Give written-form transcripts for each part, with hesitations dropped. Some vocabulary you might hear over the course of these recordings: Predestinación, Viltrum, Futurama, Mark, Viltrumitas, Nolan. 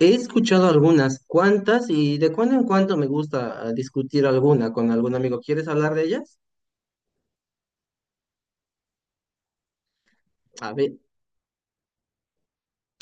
He escuchado algunas cuantas y de cuando en cuando me gusta discutir alguna con algún amigo. ¿Quieres hablar de ellas? A ver,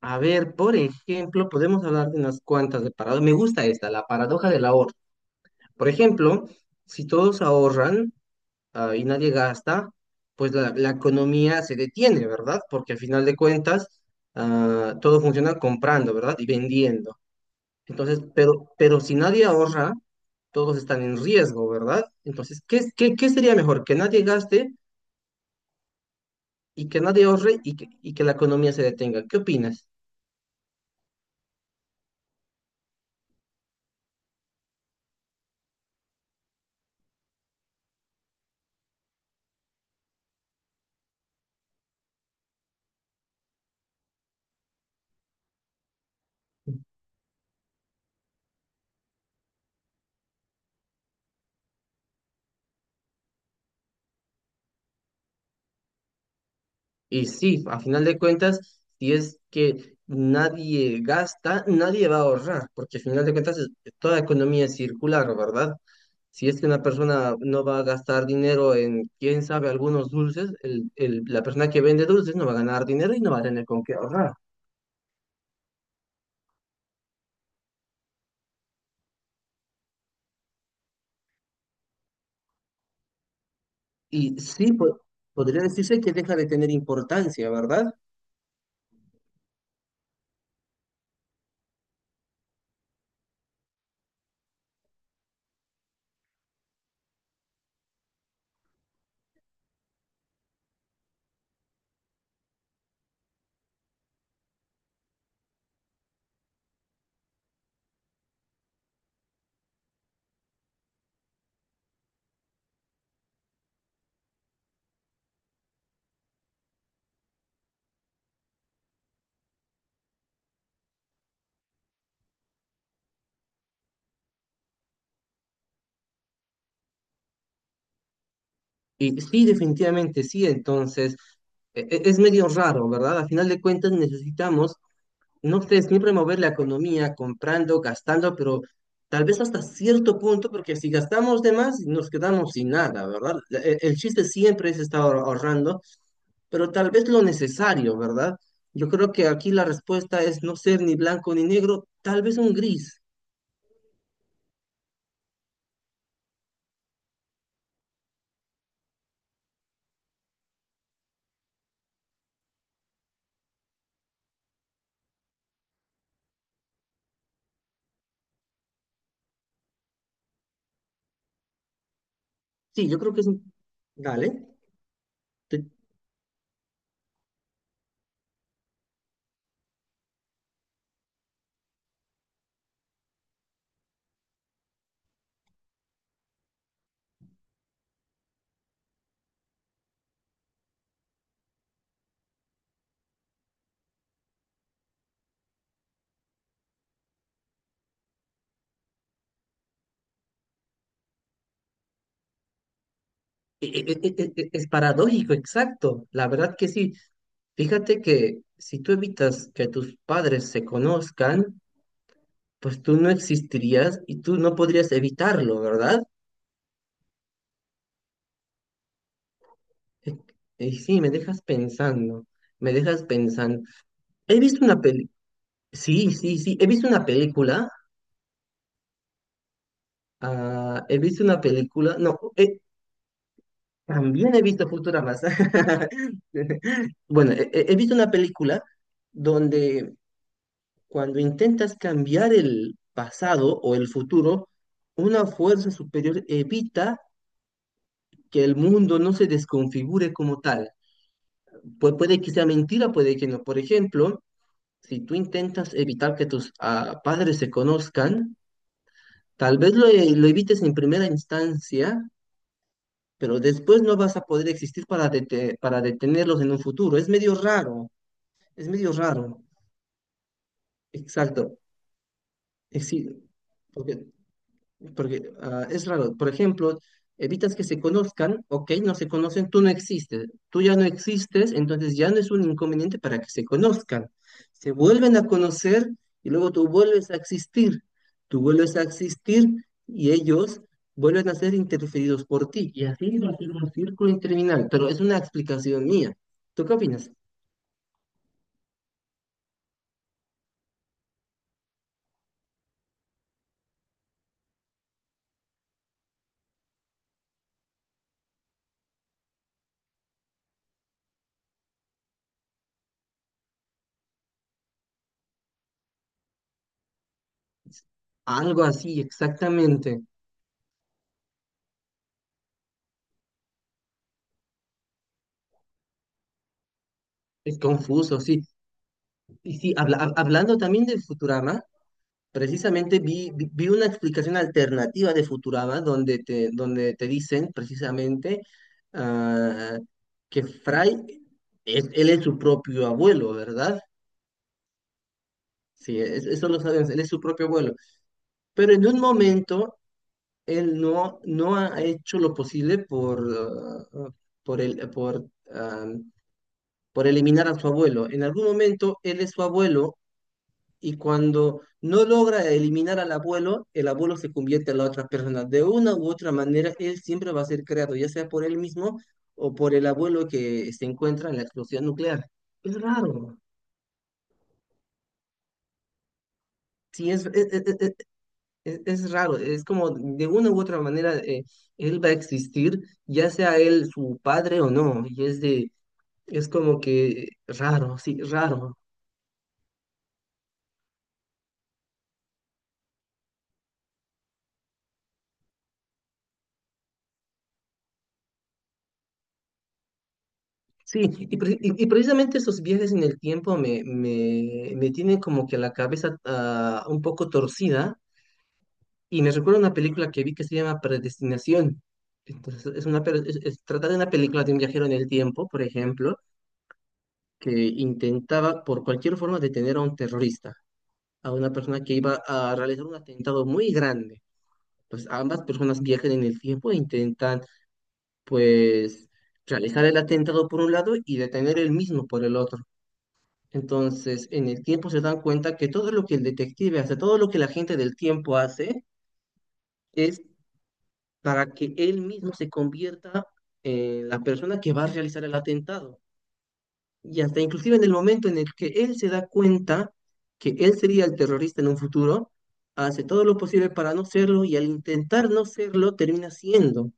a ver, por ejemplo, podemos hablar de unas cuantas de paradojas. Me gusta esta, la paradoja del ahorro. Por ejemplo, si todos ahorran y nadie gasta, pues la economía se detiene, ¿verdad? Porque al final de cuentas, todo funciona comprando, ¿verdad? Y vendiendo. Entonces, pero si nadie ahorra, todos están en riesgo, ¿verdad? Entonces, ¿ qué sería mejor? Que nadie gaste y que nadie ahorre y que la economía se detenga. ¿Qué opinas? Y sí, a final de cuentas, si es que nadie gasta, nadie va a ahorrar, porque a final de cuentas, toda economía es circular, ¿verdad? Si es que una persona no va a gastar dinero en, quién sabe, algunos dulces, la persona que vende dulces no va a ganar dinero y no va a tener con qué ahorrar. Y sí, podría decirse que deja de tener importancia, ¿verdad? Y sí, definitivamente sí, entonces es medio raro, ¿verdad? A final de cuentas necesitamos, no sé, siempre mover la economía comprando, gastando, pero tal vez hasta cierto punto, porque si gastamos de más nos quedamos sin nada, ¿verdad? El chiste siempre es estar ahorrando, pero tal vez lo necesario, ¿verdad? Yo creo que aquí la respuesta es no ser ni blanco ni negro, tal vez un gris. Sí, yo creo que es un... Dale. Es paradójico, exacto. La verdad que sí. Fíjate que si tú evitas que tus padres se conozcan, pues tú no existirías y tú no podrías evitarlo, ¿verdad? E- Y sí, me dejas pensando, me dejas pensando. He visto una peli, sí, sí, sí, he visto una película, he visto una película, no, también he visto Futurama. Bueno, he visto una película donde cuando intentas cambiar el pasado o el futuro, una fuerza superior evita que el mundo no se desconfigure como tal. Puede que sea mentira, puede que no. Por ejemplo, si tú intentas evitar que tus padres se conozcan, tal vez lo evites en primera instancia, pero después no vas a poder existir para, para detenerlos en un futuro. Es medio raro, es medio raro. Exacto. Sí, porque porque es raro. Por ejemplo, evitas que se conozcan, ok, no se conocen, tú no existes. Tú ya no existes, entonces ya no es un inconveniente para que se conozcan. Se vuelven a conocer y luego tú vuelves a existir. Tú vuelves a existir y ellos vuelven a ser interferidos por ti. Y así va a ser un círculo interminable. Pero es una explicación mía. ¿Tú qué opinas? Algo así, exactamente. Es confuso, sí. Y sí, hablando también del Futurama. Precisamente vi, vi una explicación alternativa de Futurama donde te dicen precisamente ah, que Fry, él es su propio abuelo, ¿verdad? Sí, eso lo sabemos, él es su propio abuelo. Pero en un momento él no ha hecho lo posible por, ah, por, el, por, ah, por eliminar a su abuelo. En algún momento él es su abuelo y cuando no logra eliminar al abuelo, el abuelo se convierte en la otra persona. De una u otra manera, él siempre va a ser creado, ya sea por él mismo o por el abuelo que se encuentra en la explosión nuclear. Es raro. Sí, es raro. Es como de una u otra manera, él va a existir, ya sea él su padre o no. Y es de, es como que raro. Sí, y, precisamente esos viajes en el tiempo me tienen como que la cabeza un poco torcida y me recuerda una película que vi que se llama Predestinación. Entonces, es una, pe- es- trata de una película de un viajero en el tiempo, por ejemplo, que intentaba por cualquier forma detener a un terrorista, a una persona que iba a realizar un atentado muy grande. Pues ambas personas viajan en el tiempo e intentan, pues, realizar el atentado por un lado y detener el mismo por el otro. Entonces, en el tiempo se dan cuenta que todo lo que el detective hace, todo lo que la gente del tiempo hace, es para que él mismo se convierta en la persona que va a realizar el atentado y hasta inclusive en el momento en el que él se da cuenta que él sería el terrorista en un futuro, hace todo lo posible para no serlo y al intentar no serlo termina siendo.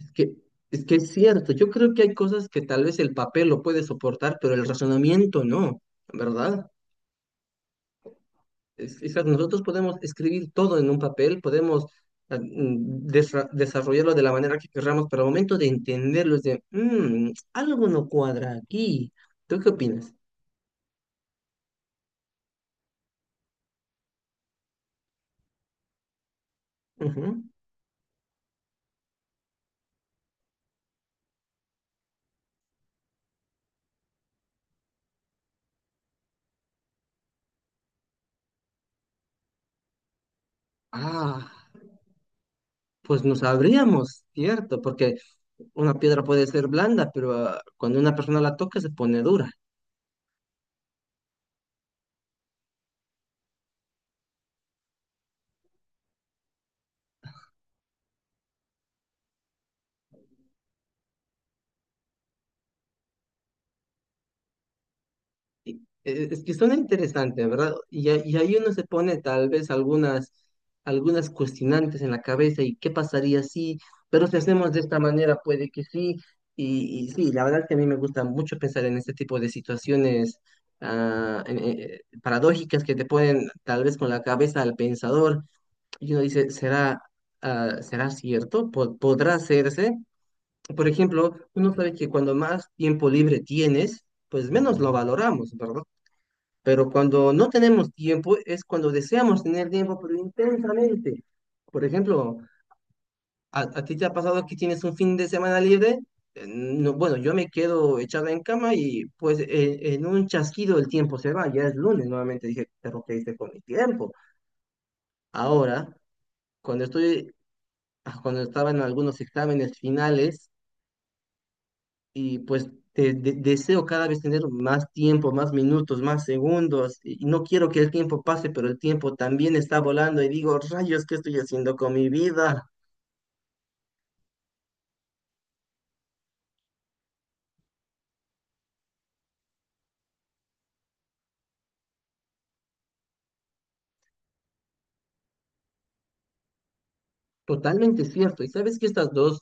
Es que, es que es cierto, yo creo que hay cosas que tal vez el papel lo puede soportar, pero el razonamiento no, ¿verdad? Es que nosotros podemos escribir todo en un papel, podemos desarrollarlo de la manera que queramos, pero al momento de entenderlo es de, "Mm, algo no cuadra aquí. ¿Tú qué opinas? Ujú. Ah, pues no sabríamos, ¿cierto? Porque una piedra puede ser blanda, pero cuando una persona la toca se pone dura. Es que son interesantes, ¿verdad? Y, ahí uno se pone tal vez algunas, algunas cuestionantes en la cabeza y qué pasaría si, pero si hacemos de esta manera, puede que sí. Y sí, la verdad es que a mí me gusta mucho pensar en este tipo de situaciones paradójicas que te ponen tal vez con la cabeza al pensador y uno dice, ¿será, ¿será cierto? ¿Podrá hacerse? Por ejemplo, uno sabe que cuando más tiempo libre tienes, pues menos lo valoramos, ¿verdad? Pero cuando no tenemos tiempo es cuando deseamos tener tiempo, pero intensamente. Por ejemplo, ¿ a ti te ha pasado que tienes un fin de semana libre? No, bueno, yo me quedo echada en cama y pues en un chasquido el tiempo se va. Ya es lunes nuevamente. Dije, pero ¿qué hice con mi tiempo? Ahora, cuando estoy, cuando estaba en algunos exámenes finales, y pues deseo cada vez tener más tiempo, más minutos, más segundos, y no quiero que el tiempo pase, pero el tiempo también está volando y digo, rayos, ¿qué estoy haciendo con mi vida? Totalmente cierto. Y sabes que estas dos,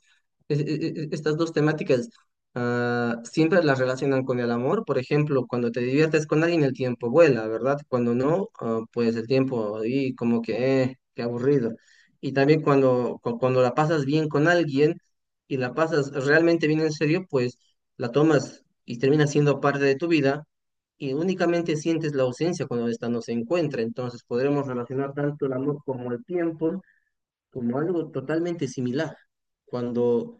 e- e- e- estas dos temáticas siempre las relacionan con el amor. Por ejemplo, cuando te diviertes con alguien, el tiempo vuela, ¿verdad? Cuando no, pues el tiempo ahí como que, qué aburrido. Y también cuando la pasas bien con alguien y la pasas realmente bien en serio, pues la tomas y termina siendo parte de tu vida y únicamente sientes la ausencia cuando esta no se encuentra. Entonces podremos relacionar tanto el amor como el tiempo como algo totalmente similar. Cuando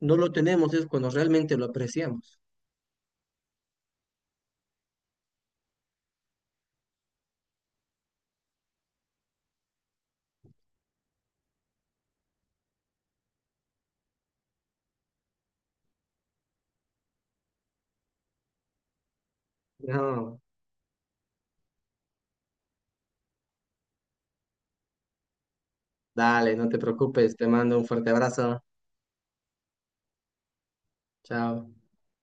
no lo tenemos es cuando realmente lo apreciamos. No, dale, no te preocupes, te mando un fuerte abrazo. Chao.